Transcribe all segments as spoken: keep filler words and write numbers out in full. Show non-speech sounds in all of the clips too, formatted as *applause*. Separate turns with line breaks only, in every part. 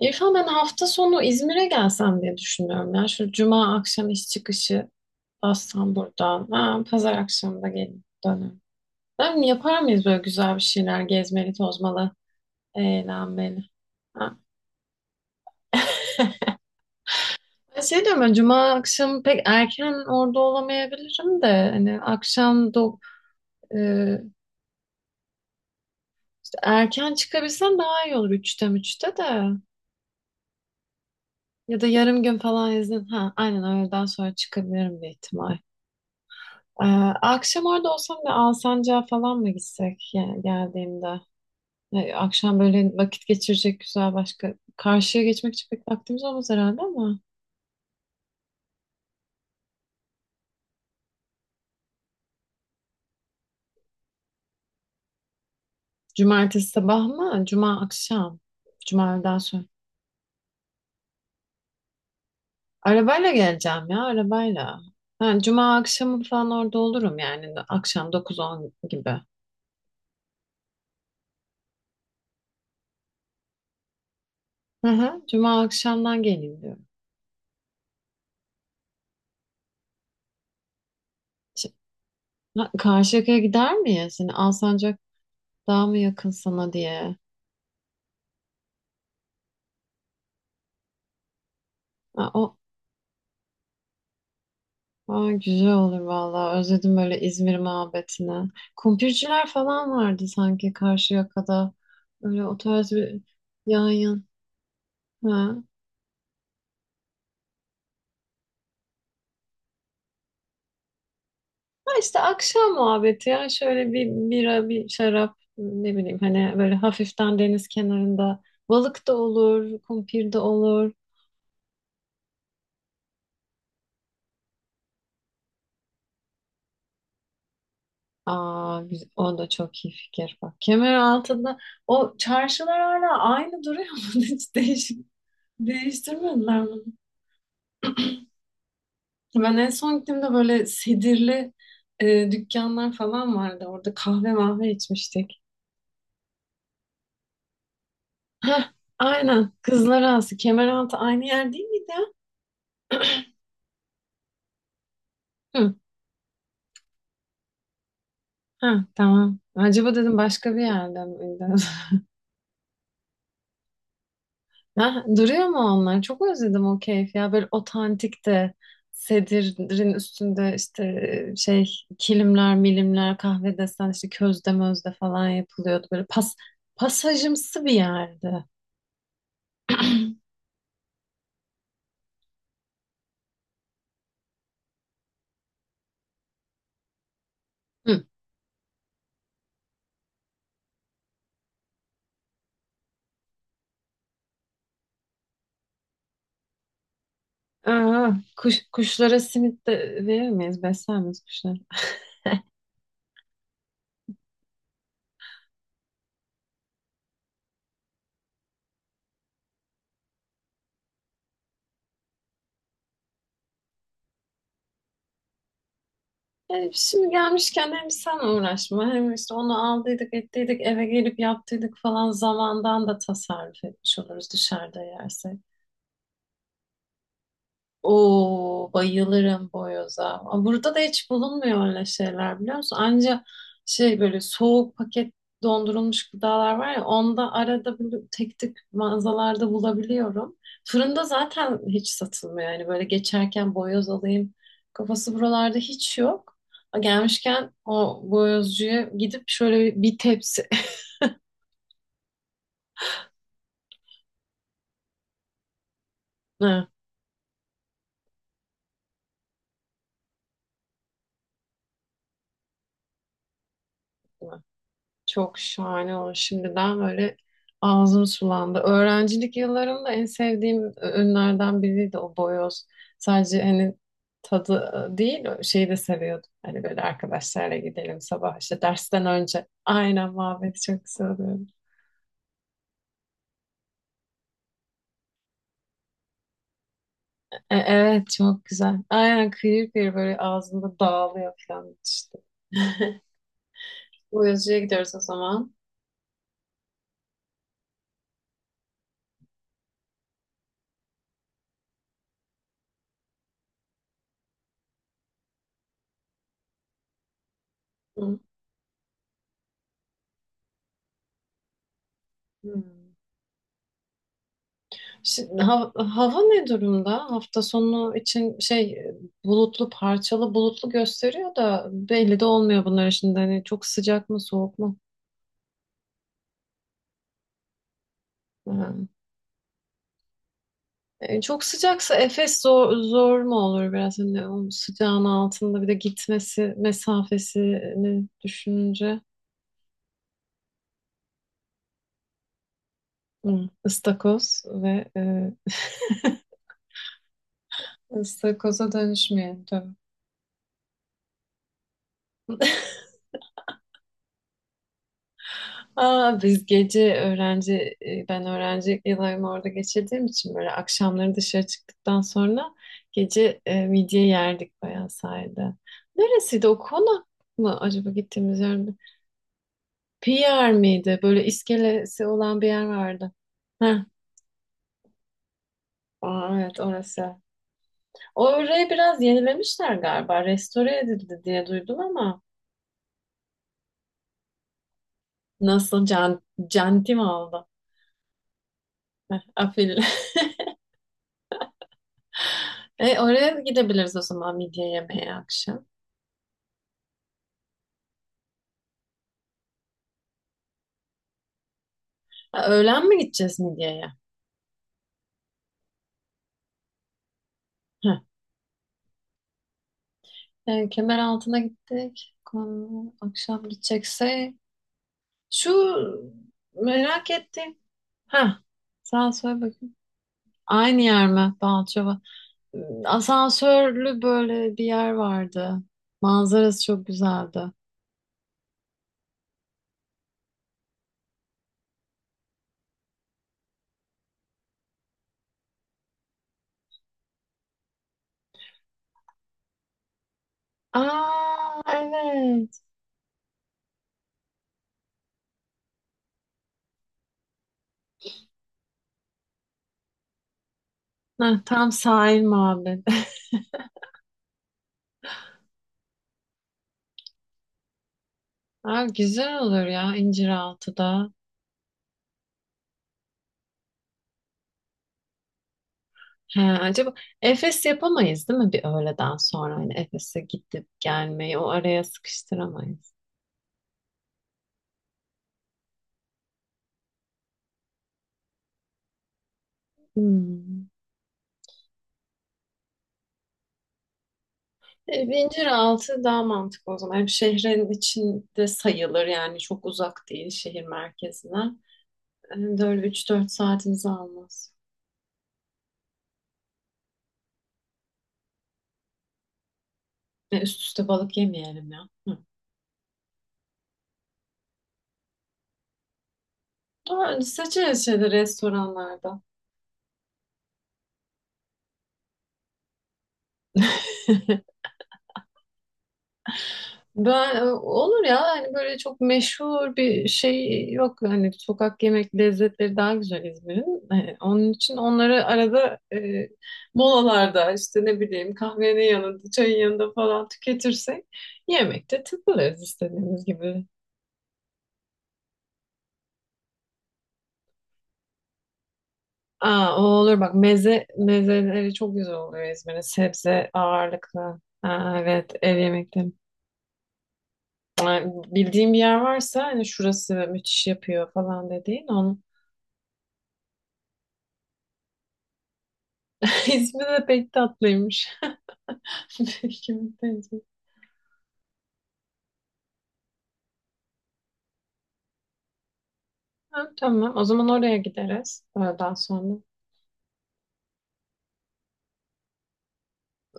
İrfan, ben hafta sonu İzmir'e gelsem diye düşünüyorum ya. Şu cuma akşam iş çıkışı bassam buradan. Ha, pazar akşamı da gelin dönün. Ben yapar mıyız böyle güzel bir şeyler gezmeli, tozmalı, eğlenmeli? Ha. Ben şey diyorum, ben cuma akşamı pek erken orada olamayabilirim de hani akşam da e, işte erken çıkabilsem daha iyi olur üçte üçte de. Ya da yarım gün falan izin. Ha, aynen öğleden sonra çıkabilirim bir ihtimal. Ee, Akşam orada olsam da Alsancak'a falan mı gitsek yani geldiğimde? Ee, akşam böyle vakit geçirecek güzel başka. Karşıya geçmek için pek vaktimiz olmaz herhalde ama. Cumartesi sabah mı? Cuma akşam. Cuma öğleden sonra. Arabayla geleceğim ya, arabayla. Ha, cuma akşamı falan orada olurum yani. Akşam dokuz on gibi. Hı hı. Cuma akşamdan geleyim diyorum. Ş- Ha, Karşıyaka'ya gider miyiz? Yani Alsancak daha mı yakın sana diye. Ha. o Aa, güzel olur vallahi. Özledim böyle İzmir muhabbetini. Kumpirciler falan vardı sanki Karşıyaka'da. Öyle o tarz bir yan yan. Ha, ha işte akşam muhabbeti ya. Şöyle bir bira, bir şarap, ne bileyim, hani böyle hafiften deniz kenarında. Balık da olur, kumpir de olur. Aa, güz- o da çok iyi fikir, bak. Kemer altında o çarşılar hala aynı duruyor mu? *laughs* Hiç değiş değiştirmediler mi? Ben en son gittiğimde böyle sedirli e, dükkanlar falan vardı. Orada kahve mahve içmiştik. Heh, aynen. Kızlar Ağası, Kemeraltı aynı yer değil miydi ya? Hı, heh, tamam. Acaba dedim, başka bir yerde miydi? *laughs* Heh, duruyor mu onlar? Çok özledim o keyfi ya. Böyle otantik de sedirin üstünde işte e, şey kilimler, milimler, kahve desen işte közde mözde falan yapılıyordu. Böyle pas, pasajımsı bir yerdi. Hı. Aa, kuş, kuşlara simit de verir miyiz? Besler miyiz kuşları? Yani şimdi gelmişken hem sen uğraşma, hem işte onu aldıydık ettiydik eve gelip yaptıydık falan zamandan da tasarruf etmiş oluruz dışarıda yersek. Oo, bayılırım boyoza. Ama burada da hiç bulunmuyor öyle şeyler, biliyor musun? Anca şey, böyle soğuk paket dondurulmuş gıdalar var ya, onda arada böyle tek tek mağazalarda bulabiliyorum. Fırında zaten hiç satılmıyor yani, böyle geçerken boyoz alayım kafası buralarda hiç yok. Gelmişken o boyozcuya gidip şöyle bir bir tepsi. *laughs* Ha. Çok şahane olur. Şimdiden böyle ağzım sulandı. Öğrencilik yıllarımda en sevdiğim ürünlerden biriydi o boyoz. Sadece hani tadı değil, şeyi de seviyordum. Hani böyle arkadaşlarla gidelim sabah işte dersten önce. Aynen, muhabbeti çok seviyorum. E, evet, çok güzel. Aynen, kıyır kıyır böyle ağzında dağılıyor falan işte. *laughs* Bu yazıcıya gidiyoruz o zaman. Hı. Hmm. Şimdi ha- hava ne durumda? Hafta sonu için şey bulutlu, parçalı bulutlu gösteriyor da belli de olmuyor bunlar şimdi. Hani çok sıcak mı, soğuk mu? Ha. E, Çok sıcaksa Efes zor, zor mu olur biraz, hani o sıcağın altında bir de gitmesi mesafesini düşününce... Hı, ıstakoz ve e, ıstakoza dönüşmeyelim tabii. *laughs* Aa, biz gece öğrenci e, ben öğrencilik yıllarımı orada geçirdiğim için böyle akşamları dışarı çıktıktan sonra gece e, midye yerdik bayağı sahilde. Neresiydi o, konak mı acaba gittiğimiz yer? Pier miydi? Böyle iskelesi olan bir yer vardı. Heh. Aa, evet, orası. Orayı biraz yenilemişler galiba. Restore edildi diye duydum ama nasıl can, canti mi oldu? Heh, afil. *laughs* E, oraya gidebiliriz o zaman, midye yemeye, akşam. Ha, öğlen mi gideceğiz midyeye? Heh. E, kemer altına gittik. Konu- Akşam gidecekse şu merak ettiğim. Ha, sen söyle bakayım. Aynı yer mi? Balçova. Asansörlü böyle bir yer vardı. Manzarası çok güzeldi. Aa, evet. Heh, tam sahil muhabbeti. *laughs* Aa, güzel olur ya İnciraltı'da. He, acaba Efes yapamayız değil mi bir öğleden sonra? Hani Efes'e gidip gelmeyi o araya sıkıştıramayız. Hmm. E, bir İnciraltı daha mantıklı o zaman. Hem şehrin içinde sayılır, yani çok uzak değil şehir merkezine. Hem de öyle üç dört saatimizi almaz. E, üst üste balık yemeyelim ya. Hı. Ama seçeriz şeyde, restoranlarda. *laughs* Ben e, olur ya hani böyle çok meşhur bir şey yok, hani sokak yemek lezzetleri daha güzel İzmir'in. E, onun için onları arada e, molalarda işte ne bileyim kahvenin yanında, çayın yanında falan tüketirsek yemekte takılırız istediğimiz gibi. Aa, o olur bak, meze mezeleri çok güzel oluyor İzmir'in, sebze ağırlıklı. Aa, evet, ev yemekte. Yani bildiğim bir yer varsa hani şurası müthiş yapıyor falan dediğin onun... *laughs* ismi de pek tatlıymış. *laughs* Kimin teyze? Ha, tamam, o zaman oraya gideriz öğleden sonra.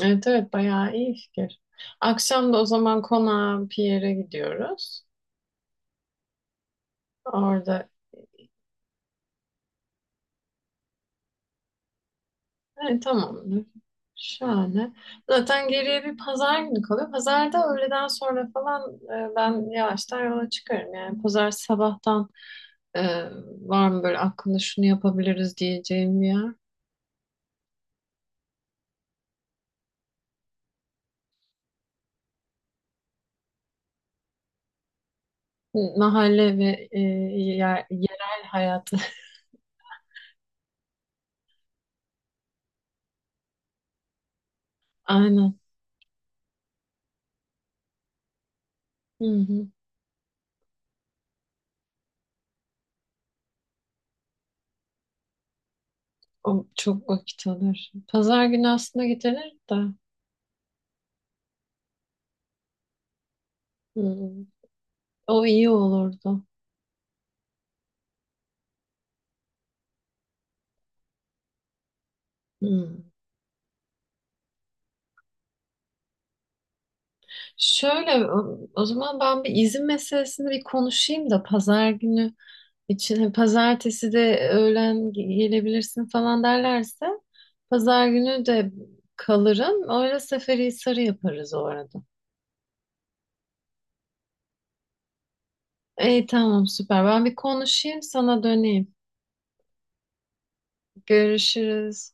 Evet evet, bayağı iyi fikir. Akşam da o zaman konağa bir yere gidiyoruz. Orada, evet, tamamdır. Şahane. Zaten geriye bir pazar günü kalıyor. Pazarda öğleden sonra falan e, ben yavaştan yola çıkarım. Yani pazar sabahtan... Ee, Var mı böyle aklında şunu yapabiliriz diyeceğim bir yer? Mahalle ve e, yer- yerel hayatı. *laughs* Aynen. Hı hı. O çok vakit alır. Pazar günü aslında gidilir de. Hı. O iyi olurdu. Hı. Şöyle o, o zaman ben bir izin meselesini bir konuşayım da pazar günü için, hani pazartesi de öğlen ge- gelebilirsin falan derlerse pazar günü de kalırım. Öyle Seferihisar'ı yaparız o arada. İyi, tamam, süper. Ben bir konuşayım, sana döneyim. Görüşürüz.